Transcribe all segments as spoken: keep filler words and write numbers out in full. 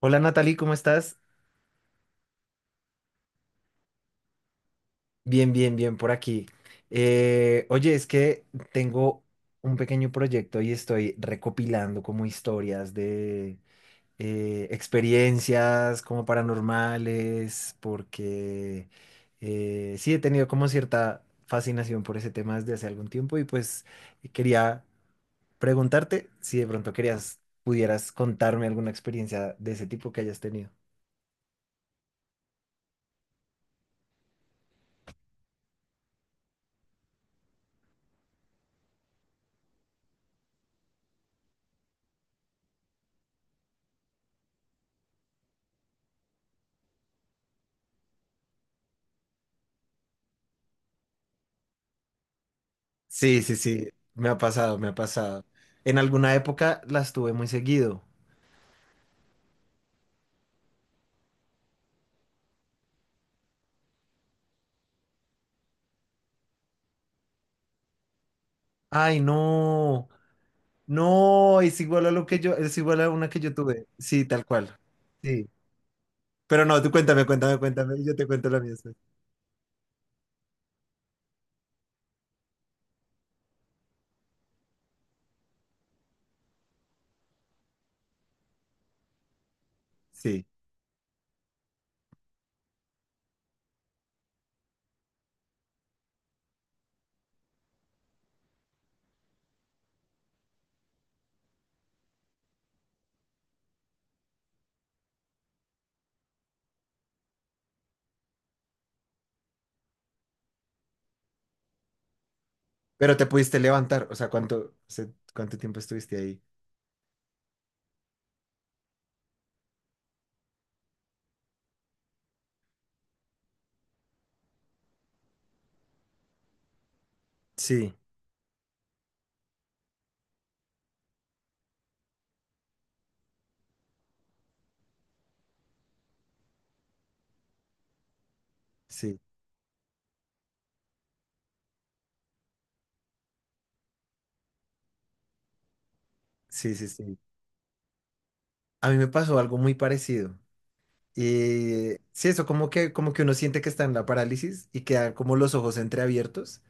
Hola Natalie, ¿cómo estás? Bien, bien, bien por aquí. Eh, oye, es que tengo un pequeño proyecto y estoy recopilando como historias de eh, experiencias como paranormales, porque eh, sí he tenido como cierta fascinación por ese tema desde hace algún tiempo y pues quería preguntarte si de pronto querías, pudieras contarme alguna experiencia de ese tipo que hayas tenido. Sí, sí, sí, me ha pasado, me ha pasado. En alguna época las tuve muy seguido. Ay, no, no, es igual a lo que yo, es igual a una que yo tuve. Sí, tal cual. Sí. Pero no, tú cuéntame, cuéntame, cuéntame, y yo te cuento la mía después. Sí. Pero te pudiste levantar, o sea, ¿cuánto, se- cuánto tiempo estuviste ahí? Sí, sí, sí, sí, sí. A mí me pasó algo muy parecido. Y sí, eso, como que, como que uno siente que está en la parálisis y quedan como los ojos entreabiertos.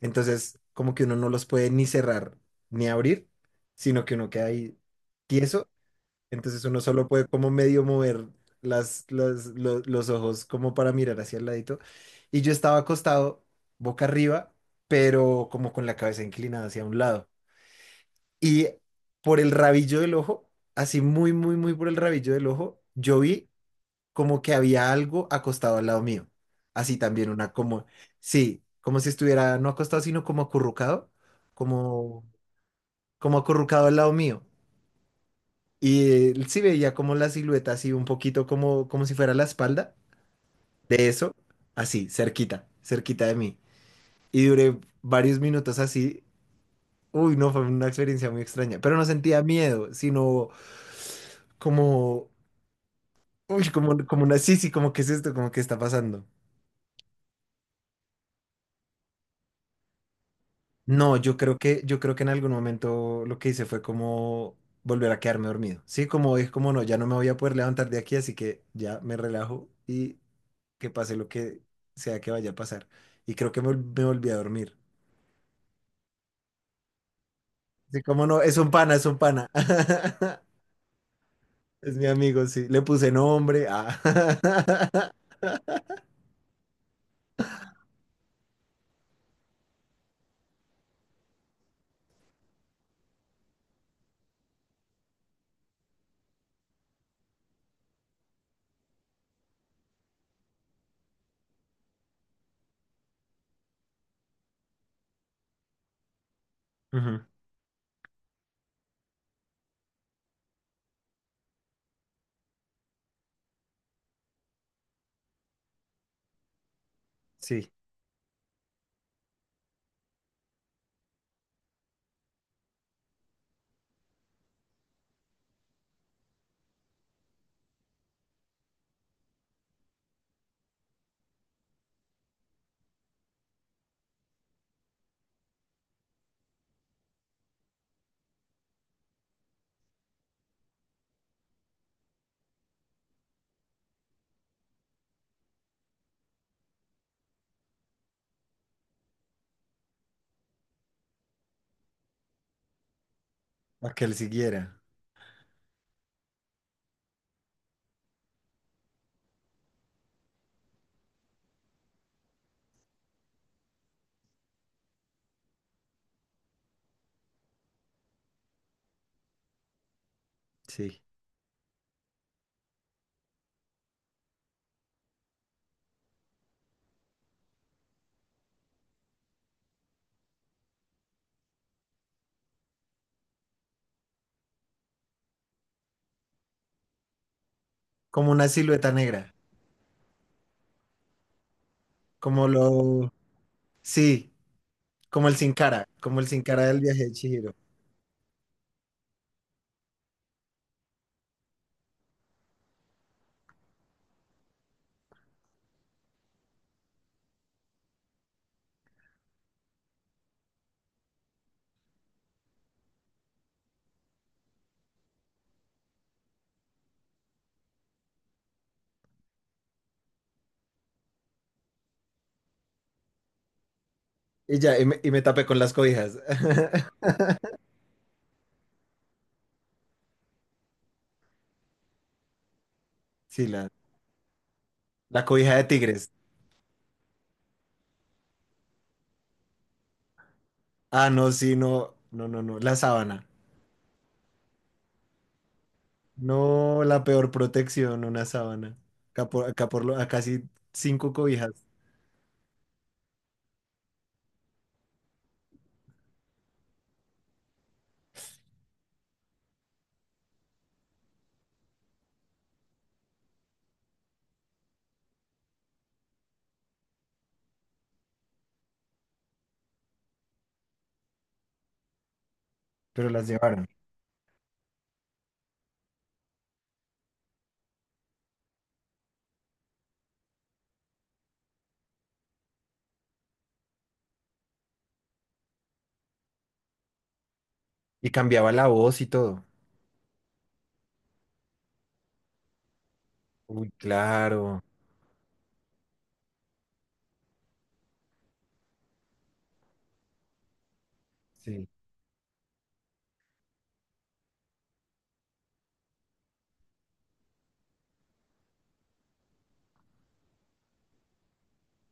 Entonces, como que uno no los puede ni cerrar ni abrir, sino que uno queda ahí tieso. Entonces uno solo puede como medio mover las, las- lo- los ojos como para mirar hacia el ladito. Y yo estaba acostado boca arriba, pero como con la cabeza inclinada hacia un lado. Y por el rabillo del ojo, así muy, muy, muy por el rabillo del ojo, yo vi como que había algo acostado al lado mío. Así también una como, sí, como si estuviera no acostado, sino como acurrucado, como, como acurrucado al lado mío. Y eh, sí veía como la silueta así un poquito como, como si fuera la espalda de eso, así, cerquita, cerquita de mí. Y duré varios minutos así. Uy, no, fue una experiencia muy extraña, pero no sentía miedo, sino como, uy, como, como una, sí, sí, como, ¿qué es esto? Como, ¿qué está pasando? No, yo creo que, yo creo que en algún momento lo que hice fue como volver a quedarme dormido. Sí, como es como no, ya no me voy a poder levantar de aquí, así que ya me relajo y que pase lo que sea que vaya a pasar. Y creo que me, vol- me volví a dormir. Sí, como no, es un pana, es un pana. Es mi amigo, sí. Le puse nombre. Ah. Ujú. Sí, para que él siguiera. Sí. Como una silueta negra. Como lo. Sí, como el sin cara. Como el sin cara del viaje de Chihiro. Y ya, y me, y me tapé con las cobijas. Sí, la, la cobija de tigres. Ah, no, sí, no, no, no, no, la sábana. No, la peor protección, una sábana. Acá, por, acá, por lo- acá sí cinco cobijas, pero las llevaron. Y cambiaba la voz y todo. Uy, claro, sí.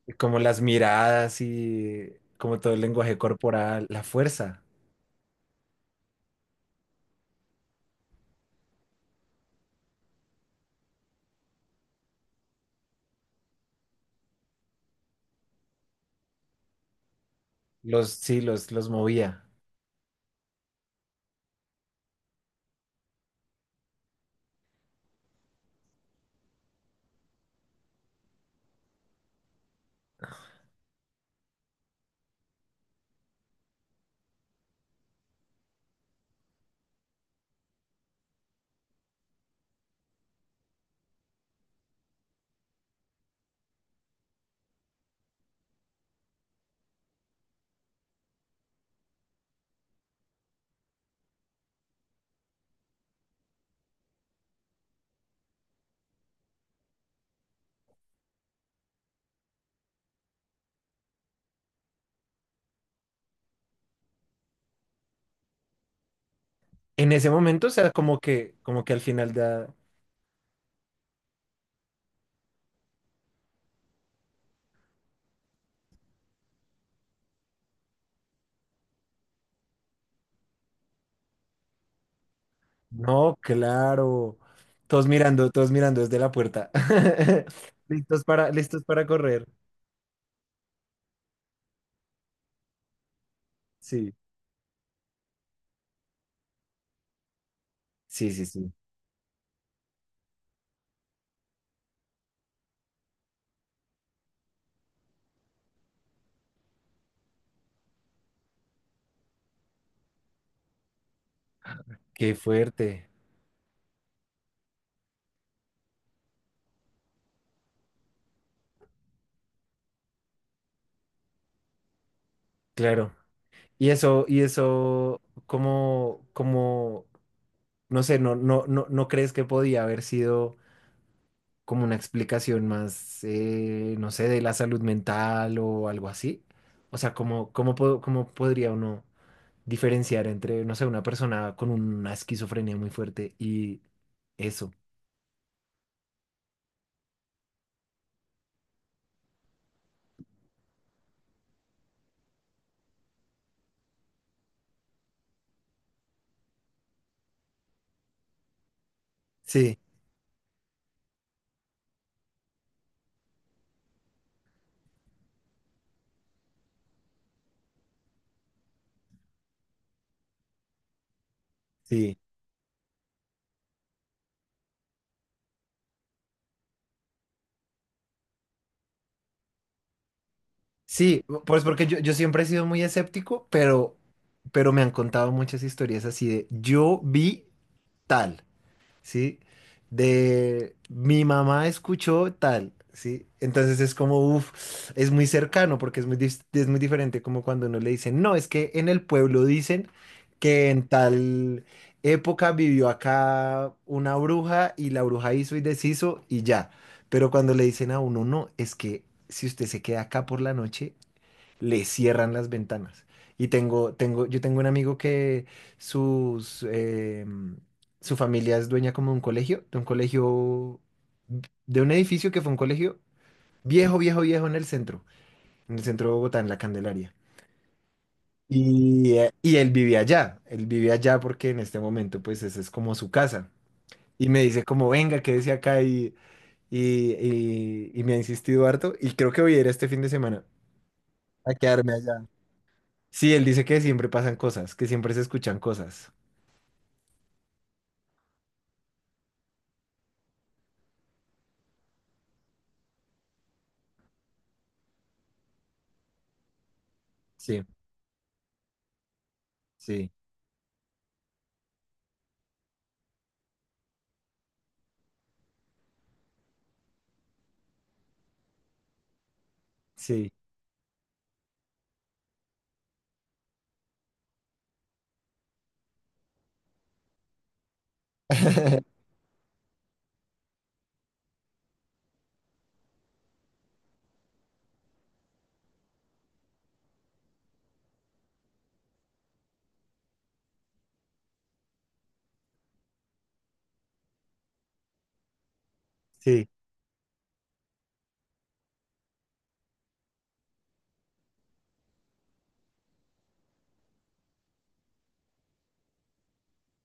Y como las miradas y como todo el lenguaje corporal, la fuerza. Los, sí, los, los movía. En ese momento, o sea, como que, como que al final da. No, claro. Todos mirando, todos mirando desde la puerta. Listos para, listos para correr. Sí, sí, sí, sí. Qué fuerte. Claro. Y eso, y eso, como, como, no sé, no, no, no, ¿no crees que podía haber sido como una explicación más, eh, no sé, de la salud mental o algo así? O sea, ¿cómo, cómo, po- cómo podría uno diferenciar entre, no sé, una persona con una esquizofrenia muy fuerte y eso? Sí, sí, sí, pues porque yo, yo siempre he sido muy escéptico, pero, pero me han contado muchas historias así de yo vi tal. ¿Sí? De mi mamá escuchó tal, ¿sí? Entonces es como, uff, es muy cercano porque es muy, dis- es muy diferente como cuando uno le dicen, no, es que en el pueblo dicen que en tal época vivió acá una bruja y la bruja hizo y deshizo y ya. Pero cuando le dicen a uno, no, es que si usted se queda acá por la noche, le cierran las ventanas. Y tengo, tengo, yo tengo un amigo que sus, em, su familia es dueña como de un colegio, de un colegio, de un edificio que fue un colegio viejo, viejo, viejo en el centro, en el centro de Bogotá, en La Candelaria. Y, eh, y él vivía allá, él vivía allá porque en este momento pues esa es como su casa. Y me dice como, venga, quédese acá y, y, y, y me ha insistido harto y creo que voy a ir este fin de semana a quedarme allá. Sí, él dice que siempre pasan cosas, que siempre se escuchan cosas. Sí, sí, sí. Sí,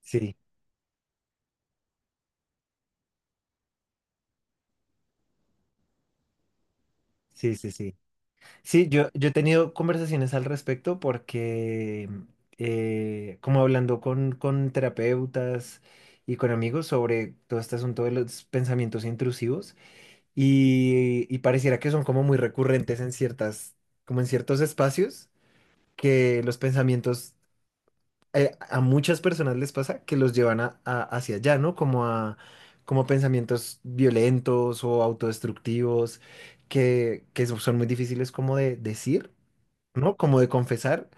sí, sí, sí, sí. Sí, yo, yo he tenido conversaciones al respecto porque, eh, como hablando con, con terapeutas y con amigos sobre todo este asunto de los pensamientos intrusivos y, y pareciera que son como muy recurrentes en ciertas, como en ciertos espacios, que los pensamientos eh, a muchas personas les pasa que los llevan a- a- hacia allá, ¿no? Como a, como a pensamientos violentos o autodestructivos que, que so- son muy difíciles como de decir, ¿no? Como de confesar,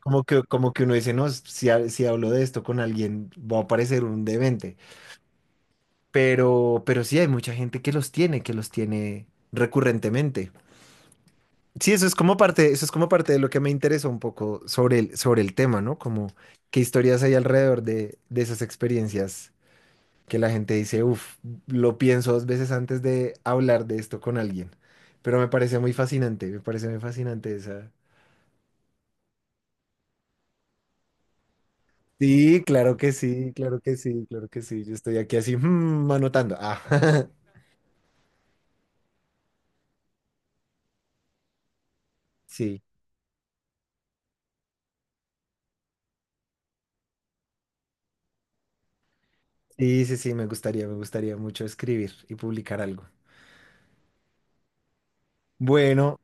como que, como que uno dice, no, si, ha- si hablo de esto con alguien, va a parecer un demente. Pero, pero sí hay mucha gente que los tiene, que los tiene recurrentemente. Sí, eso es como parte, eso es como parte de lo que me interesa un poco sobre el, sobre el tema, ¿no? Como qué historias hay alrededor de, de esas experiencias que la gente dice, uff, lo pienso dos veces antes de hablar de esto con alguien. Pero me parece muy fascinante, me parece muy fascinante esa. Sí, claro que sí, claro que sí, claro que sí. Yo estoy aquí así, mm, anotando. Ah, sí, sí, sí, sí, me gustaría, me gustaría mucho escribir y publicar algo. Bueno,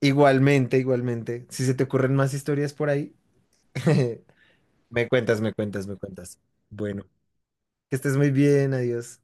igualmente, igualmente. Si se te ocurren más historias por ahí. Me cuentas, me cuentas, me cuentas. Bueno, que estés muy bien, adiós.